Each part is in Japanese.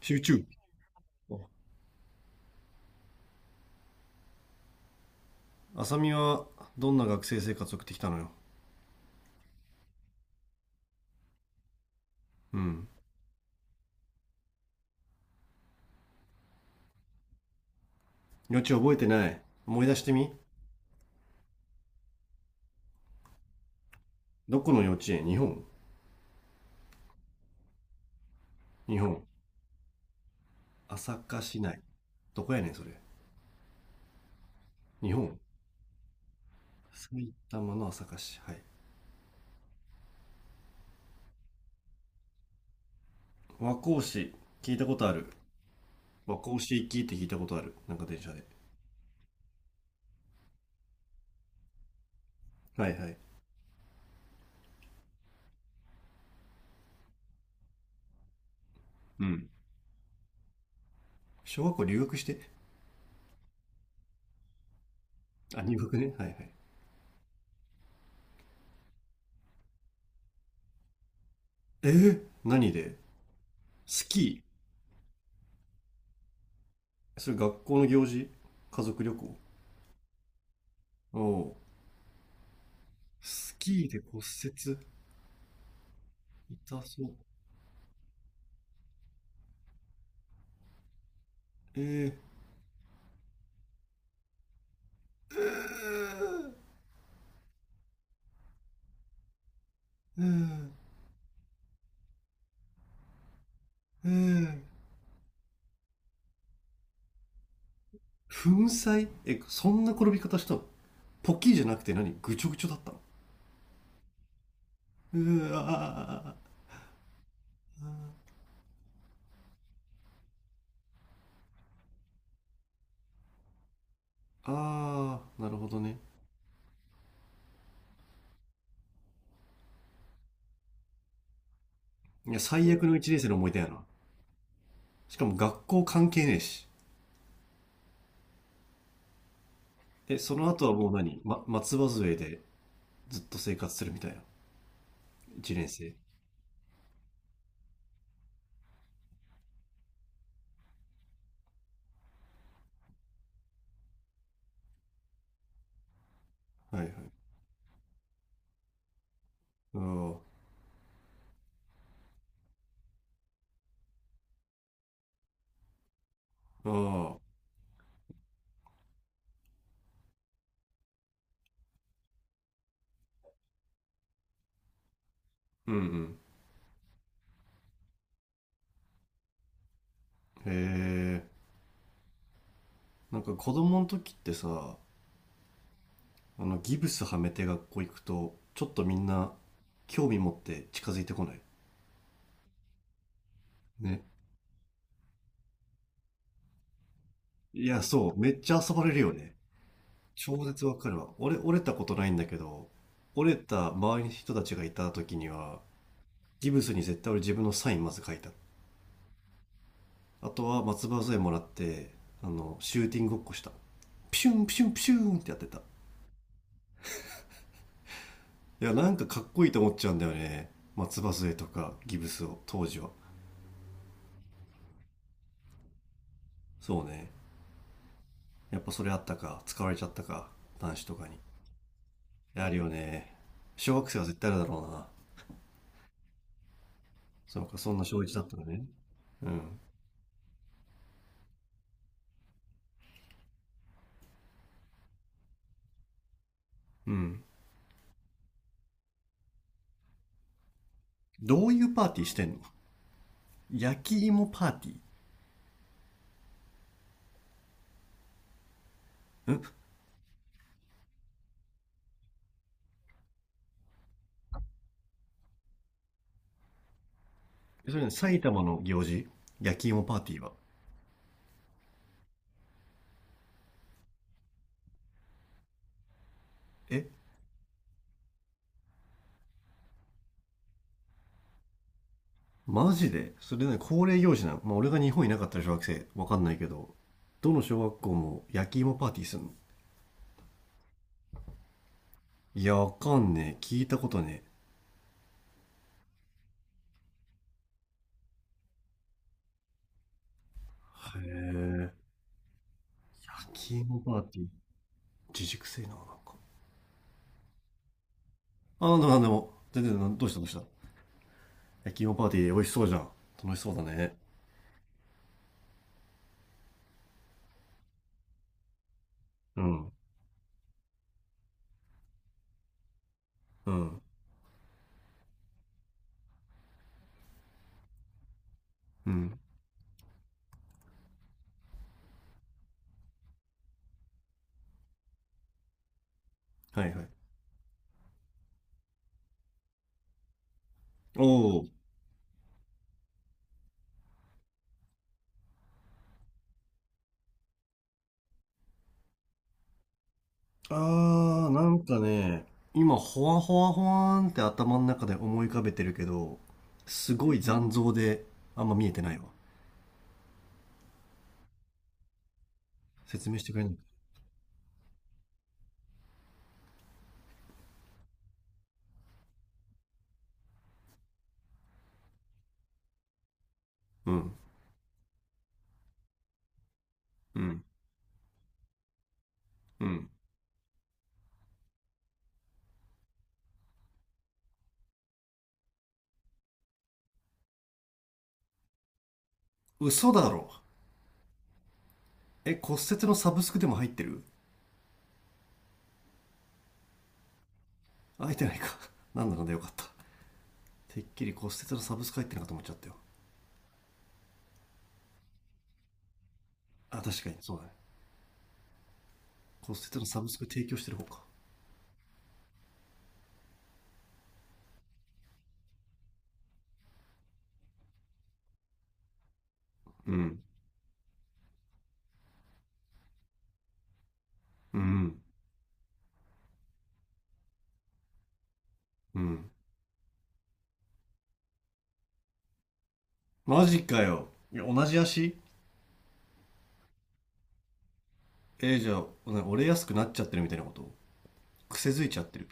集中。浅見はどんな学生生活を送ってきたのよ。うん。幼稚園覚えてない。思い出してみ。どこの幼稚園日本？日本。朝霞市内。どこやねん、それ。日本。埼玉の朝霞市。はい。和光市。聞いたことある。和光市行きって聞いたことある。なんか電車で。はいはい。うん。小学校留学して？あ、入学ね。はいはい。えー、何で？スキー、それ学校の行事？家族旅行？おおう。スキーで骨折痛そう。えー、うーん、うーん、粉砕？え、そんな転び方したの？ポッキーじゃなくて何？ぐちょぐちょだったの？うあー、あー、なるほどね。いや、最悪の一年生の思い出やな。しかも学校関係ねえし。え、その後はもう何、ま、松葉杖でずっと生活するみたいな。一年生。はいはい。ああ、ああ、うんうん。へえ。なんか子供の時ってさ、ギブスはめて学校行くと、ちょっとみんな興味持って近づいてこない？ね。いや、そう、めっちゃ遊ばれるよね。超絶わかるわ。俺、折れたことないんだけど、折れた周りの人たちがいた時には、ギブスに絶対俺自分のサインまず書いた。あとは松葉杖もらって、シューティングごっこした。ピシュンピシュンピシュンってやってた。いや、なんかかっこいいと思っちゃうんだよね。松葉杖とかギブスを、当時は。そうね。やっぱそれあったか、使われちゃったか、男子とかに。あるよね。小学生は絶対あるだろうな。そうか、そんな小一だったらね。うん。うん。どういうパーティーしてんの？焼き芋パーティーん、それね、埼玉の行事？焼き芋パーティーは。え、マジでそれね、恒例行事なの？まあ、俺が日本いなかったら小学生、わかんないけど、どの小学校も焼き芋パーティーするの？いや、わかんねえ。聞いたことねえ。へえ。焼き芋パーティー。自粛性な、なんか。あ、なんでも、全然、な、どうしたどうした？焼き芋パーティー美味しそうじゃん。楽しそうだね。うん。うん。うん。はいはい。おお。あー、なんかね、今、ほわほわほわーんって頭の中で思い浮かべてるけど、すごい残像であんま見えてないわ。説明してくれない？うん。うん。うん。嘘だろ。え、骨折のサブスクでも入ってる？入ってないか。なんだかんだよかった。てっきり骨折のサブスク入ってるのかと思っちゃったよ。あ、確かに、そうだね。骨折のサブスク提供してる方か。うん。うん。うん。マジかよ。いや同じ足？えー、じゃあ、折れやすくなっちゃってるみたいなこと？癖づいちゃってる。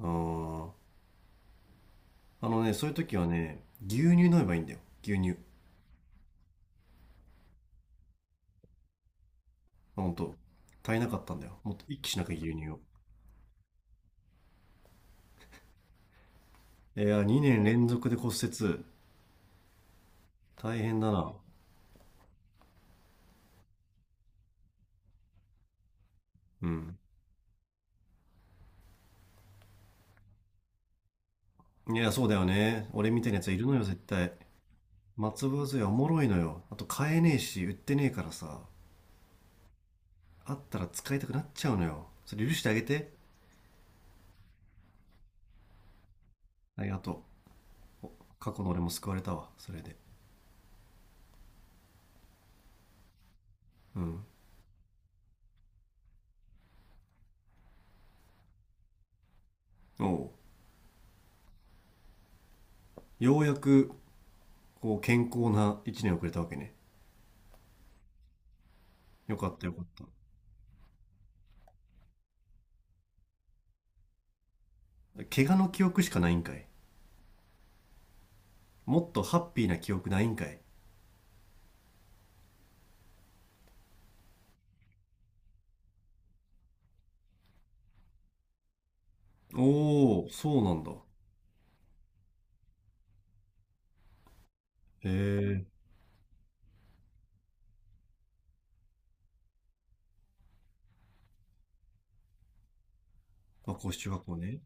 あー、あのね、そういう時はね、牛乳飲めばいいんだよ。牛乳。あ、ほんと。足りなかったんだよ。もっと一気しなきゃ牛乳を。いや、2年連続で骨折。大変だな。うん。いや、そうだよね。俺みたいなやついるのよ、絶対。松葉杖はおもろいのよ。あと買えねえし、売ってねえからさ。あったら使いたくなっちゃうのよ。それ許してあげて。ありがとう。過去の俺も救われたわ、それで。うん。おう、ようやくこう健康な1年遅れたわけね。よかったよかった。怪我の記憶しかないんかい。もっとハッピーな記憶ないんかい。おおー、そうなんだ。へえ。まあ高中学校ね。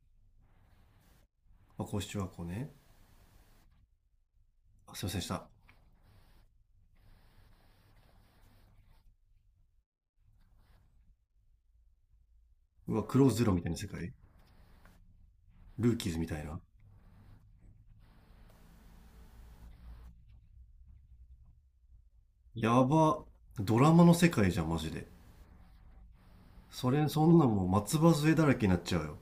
まあ高中学校ね。あ、すいませんでした。うわ、クローズゼロみたいな世界。ルーキーズみたいな。やば。ドラマの世界じゃんマジで。それそんなもう松葉杖だらけになっちゃうよ。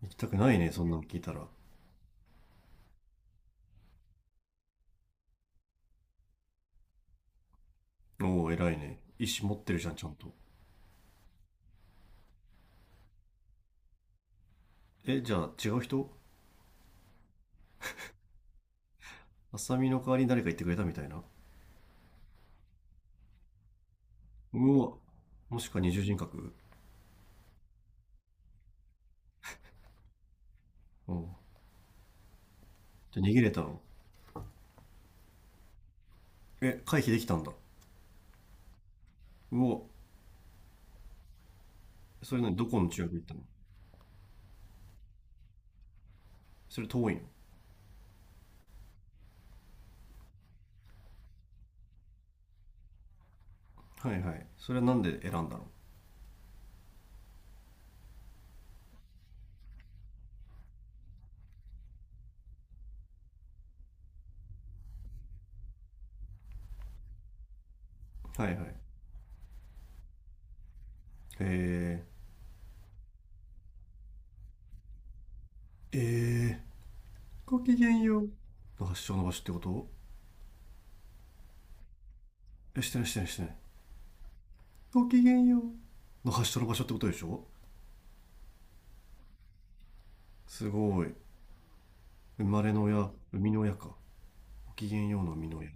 行きたくないねそんなの聞いたら。おお偉いね、意思持ってるじゃん、ちゃんと。え、じゃあ違う人？アサミの代わりに誰か言ってくれたみたいな。うわ、もしか二重人格？うん。じゃあ逃げれたの？え、回避できたんだ。うわ、それ何、どこの中学行ったの？それ遠いの？はいはい。それはなんで選んだの？はいはい。えー、えー、ごきげんようの発祥の場所ってこと？え、してないしてないしてない。ごきげんようの発祥の場所ってことでしょ？すごい。生まれの親、生みの親か。ごきげんようの生みの親。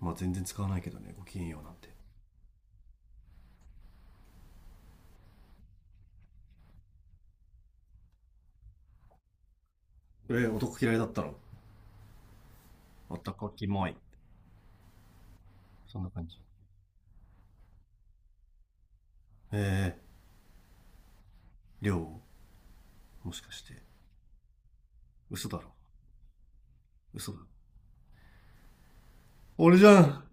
まあ全然使わないけどね、ごきげんようなんて。えー、男嫌いだったの？男キモい。そんな感じ。ええー、りょう、もしかして。嘘だろ。嘘だ。俺じゃん。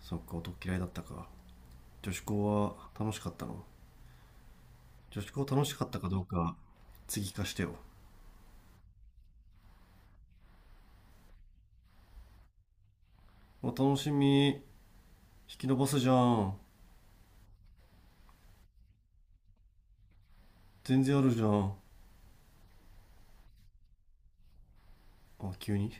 そっか、男嫌いだったか。女子校は楽しかったの？女子校楽しかったかどうか、次聞かしてよ。あ楽しみ、引き伸ばすじゃん。全然あるじゃん。あ、急に。